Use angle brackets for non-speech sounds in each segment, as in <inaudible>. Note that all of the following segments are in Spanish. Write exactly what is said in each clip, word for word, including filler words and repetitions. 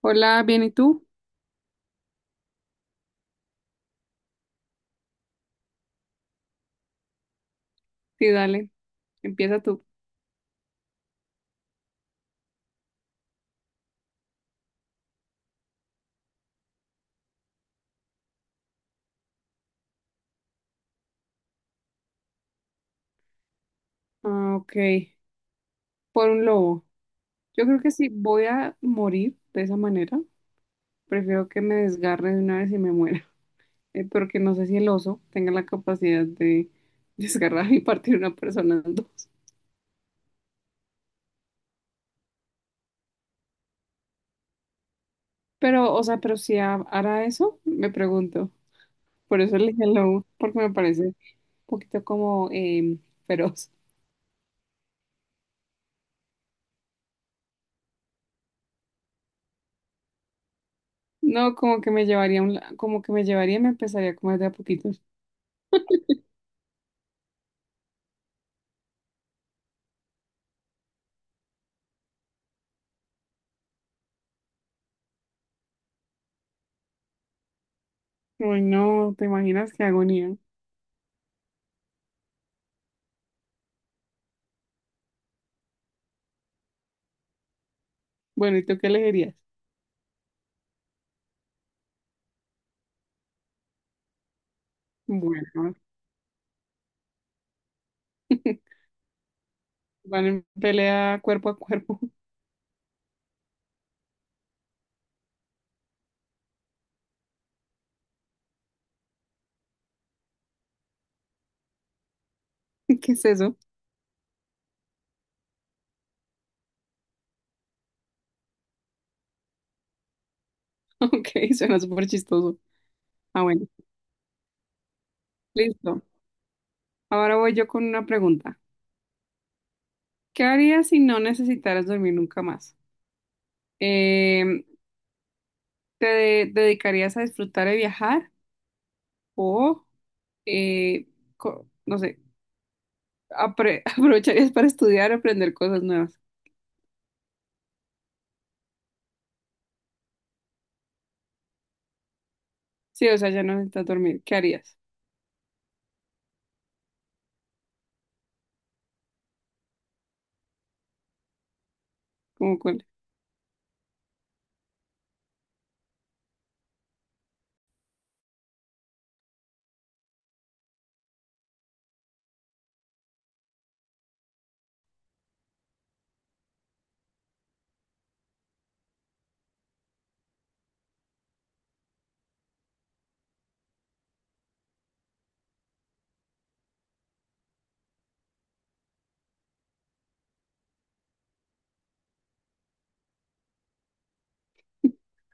Hola, ¿bien y tú? Sí, dale, empieza tú. Ah, ok, por un lobo. Yo creo que si voy a morir de esa manera, prefiero que me desgarre de una vez y me muera. <laughs> Eh, porque no sé si el oso tenga la capacidad de <laughs> desgarrar y partir una persona en dos. Pero, o sea, pero si ha- hará eso, me pregunto. Por eso elegí el lobo, porque me parece un poquito como em, feroz. No, como que me llevaría, a un la- como que me llevaría y me empezaría a comer de a poquitos. Uy, no, ¿te imaginas qué agonía? Bueno, ¿y tú qué elegirías? Bueno, <laughs> van en pelea cuerpo a cuerpo. <laughs> ¿Qué es eso? <laughs> Ok, suena súper chistoso. Ah, bueno, listo. Ahora voy yo con una pregunta. ¿Qué harías si no necesitaras dormir nunca más? Eh, ¿te de- dedicarías a disfrutar de viajar o, eh, co- no sé, apre- <laughs> aprovecharías para estudiar, aprender cosas nuevas? Sí, o sea, ya no necesitas dormir. ¿Qué harías? ¿Como cuál?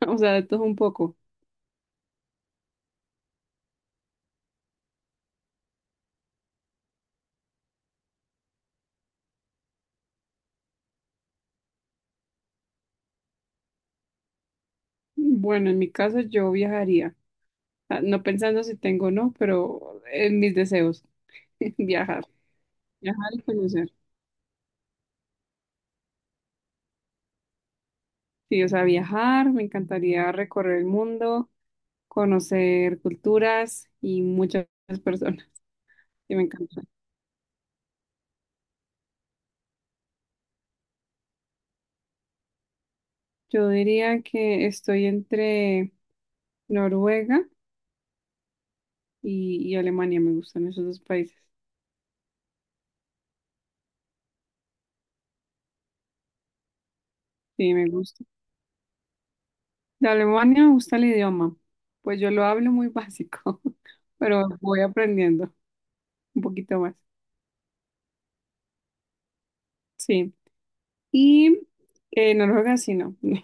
<laughs> O sea, de todo un poco. Bueno, en mi caso yo viajaría. Ah, no pensando si tengo o no, pero en mis deseos, <laughs> viajar, viajar y conocer. Sí, o sea, viajar, me encantaría recorrer el mundo, conocer culturas y muchas personas. <laughs> Sí, me encanta. Yo diría que estoy entre Noruega y, y Alemania, me gustan esos dos países. Sí, me gusta. De Alemania me gusta el idioma, pues yo lo hablo muy básico, <laughs> pero voy aprendiendo un poquito más. Sí. Y eh, Noruega sí no, <laughs> no,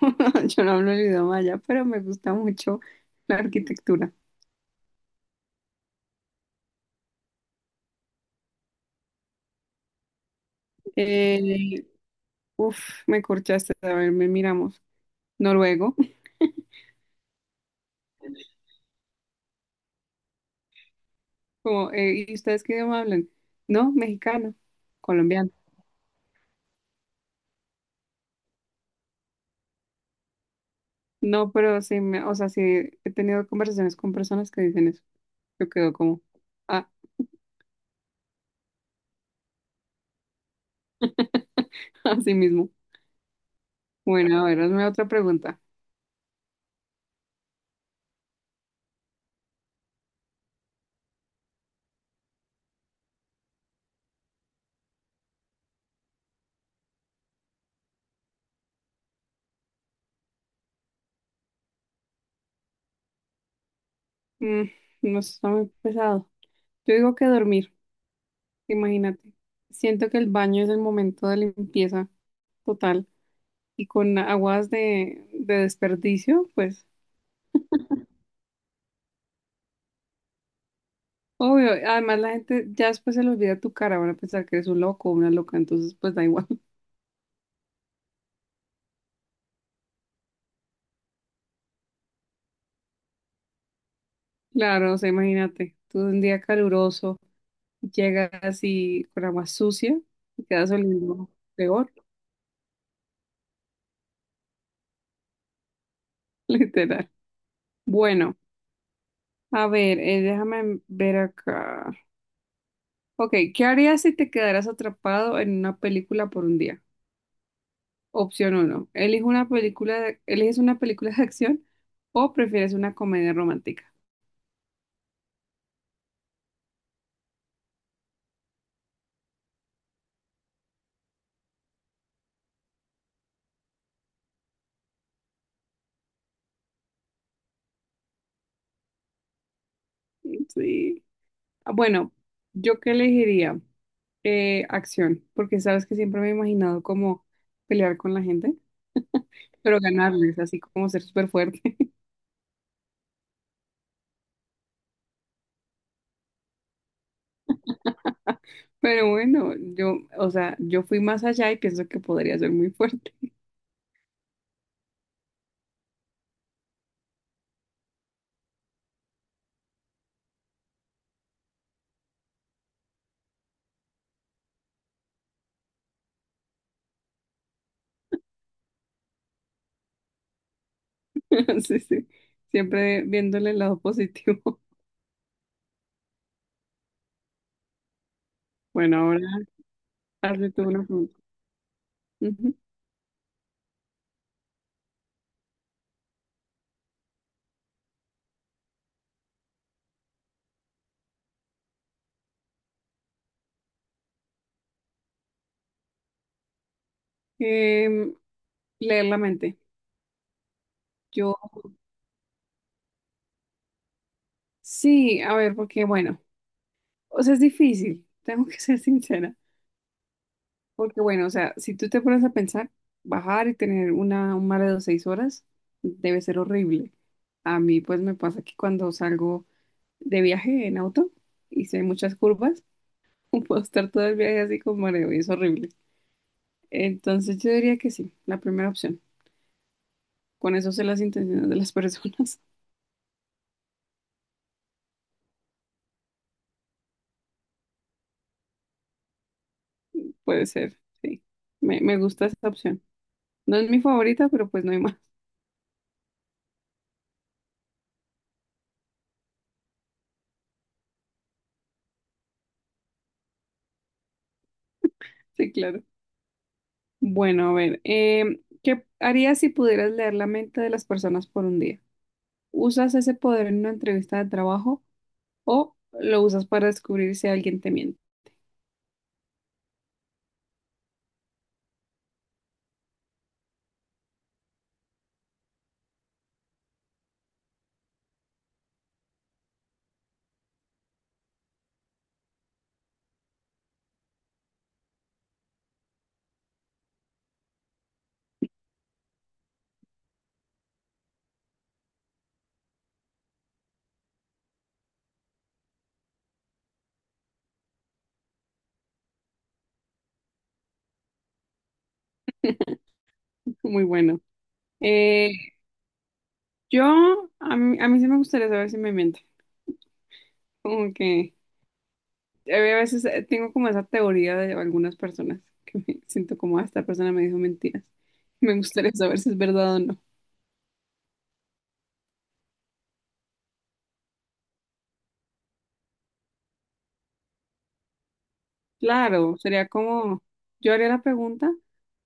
yo no hablo el idioma allá, pero me gusta mucho la arquitectura. Eh, uf, Me corchaste, a ver, me miramos. Noruego. <laughs> Como, eh, ¿y ustedes qué idioma hablan? No, mexicano, colombiano. No, pero sí, me, o sea, sí he tenido conversaciones con personas que dicen eso. Yo quedo como, ah, <laughs> así mismo. Bueno, a ver, hazme otra pregunta. Mm, no sé, está muy pesado. Yo digo que dormir. Imagínate. Siento que el baño es el momento de limpieza total, y con aguas de, de desperdicio, pues obvio. Además la gente ya después se le olvida tu cara, van a pensar que eres un loco o una loca, entonces pues da igual. <laughs> Claro, o sea, imagínate, tú un día caluroso llegas y con agua sucia y quedas oliendo peor, <laughs> literal. Bueno, a ver, eh, déjame ver acá. Ok, ¿qué harías si te quedaras atrapado en una película por un día? Opción uno. ¿Eliges una película de, eliges una película de acción o prefieres una comedia romántica? Sí. Ah, bueno, yo qué elegiría. Eh, acción, porque sabes que siempre me he imaginado como pelear con la gente, pero ganarles, así como ser súper fuerte. <laughs> Pero bueno, yo, o sea, yo fui más allá y pienso que podría ser muy fuerte. <laughs> Sí, sí. Siempre viéndole el lado positivo. <laughs> Bueno, ahora hazle tú una pregunta. Ujú. Em, leer la mente. Yo sí, a ver, porque bueno, o sea, es difícil, <laughs> tengo que ser sincera, porque bueno, o sea, si tú te pones a pensar, bajar y tener una, un mar de seis horas debe ser horrible. A mí pues me pasa que cuando salgo de viaje en auto y si hay muchas curvas, <laughs> puedo estar todo el viaje así con mareo y es horrible. Entonces yo diría que sí, la primera opción. Con eso sé las intenciones de las personas, <laughs> puede ser, sí. Me, me gusta esa opción. No es mi favorita, pero pues no hay más. <laughs> Sí, claro. Bueno, a ver, em, ¿qué harías si pudieras leer la mente de las personas por un día? ¿Usas ese poder en una entrevista de trabajo o lo usas para descubrir si alguien te miente? <laughs> Muy bueno. Eh, yo, a mí, a mí sí me gustaría saber si me miente. <laughs> Como que a veces eh, tengo como esa teoría de algunas personas <laughs> que me siento como, "Ah, esta persona me dijo mentiras". <laughs> Me gustaría saber si es verdad o no. Claro, sería como, yo haría la pregunta,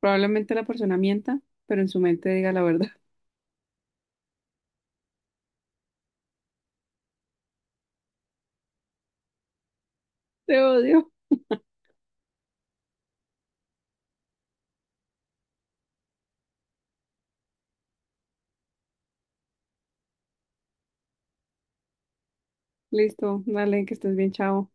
probablemente la persona mienta, pero en su mente diga la verdad. Te odio. Listo, dale, que estés bien, chao.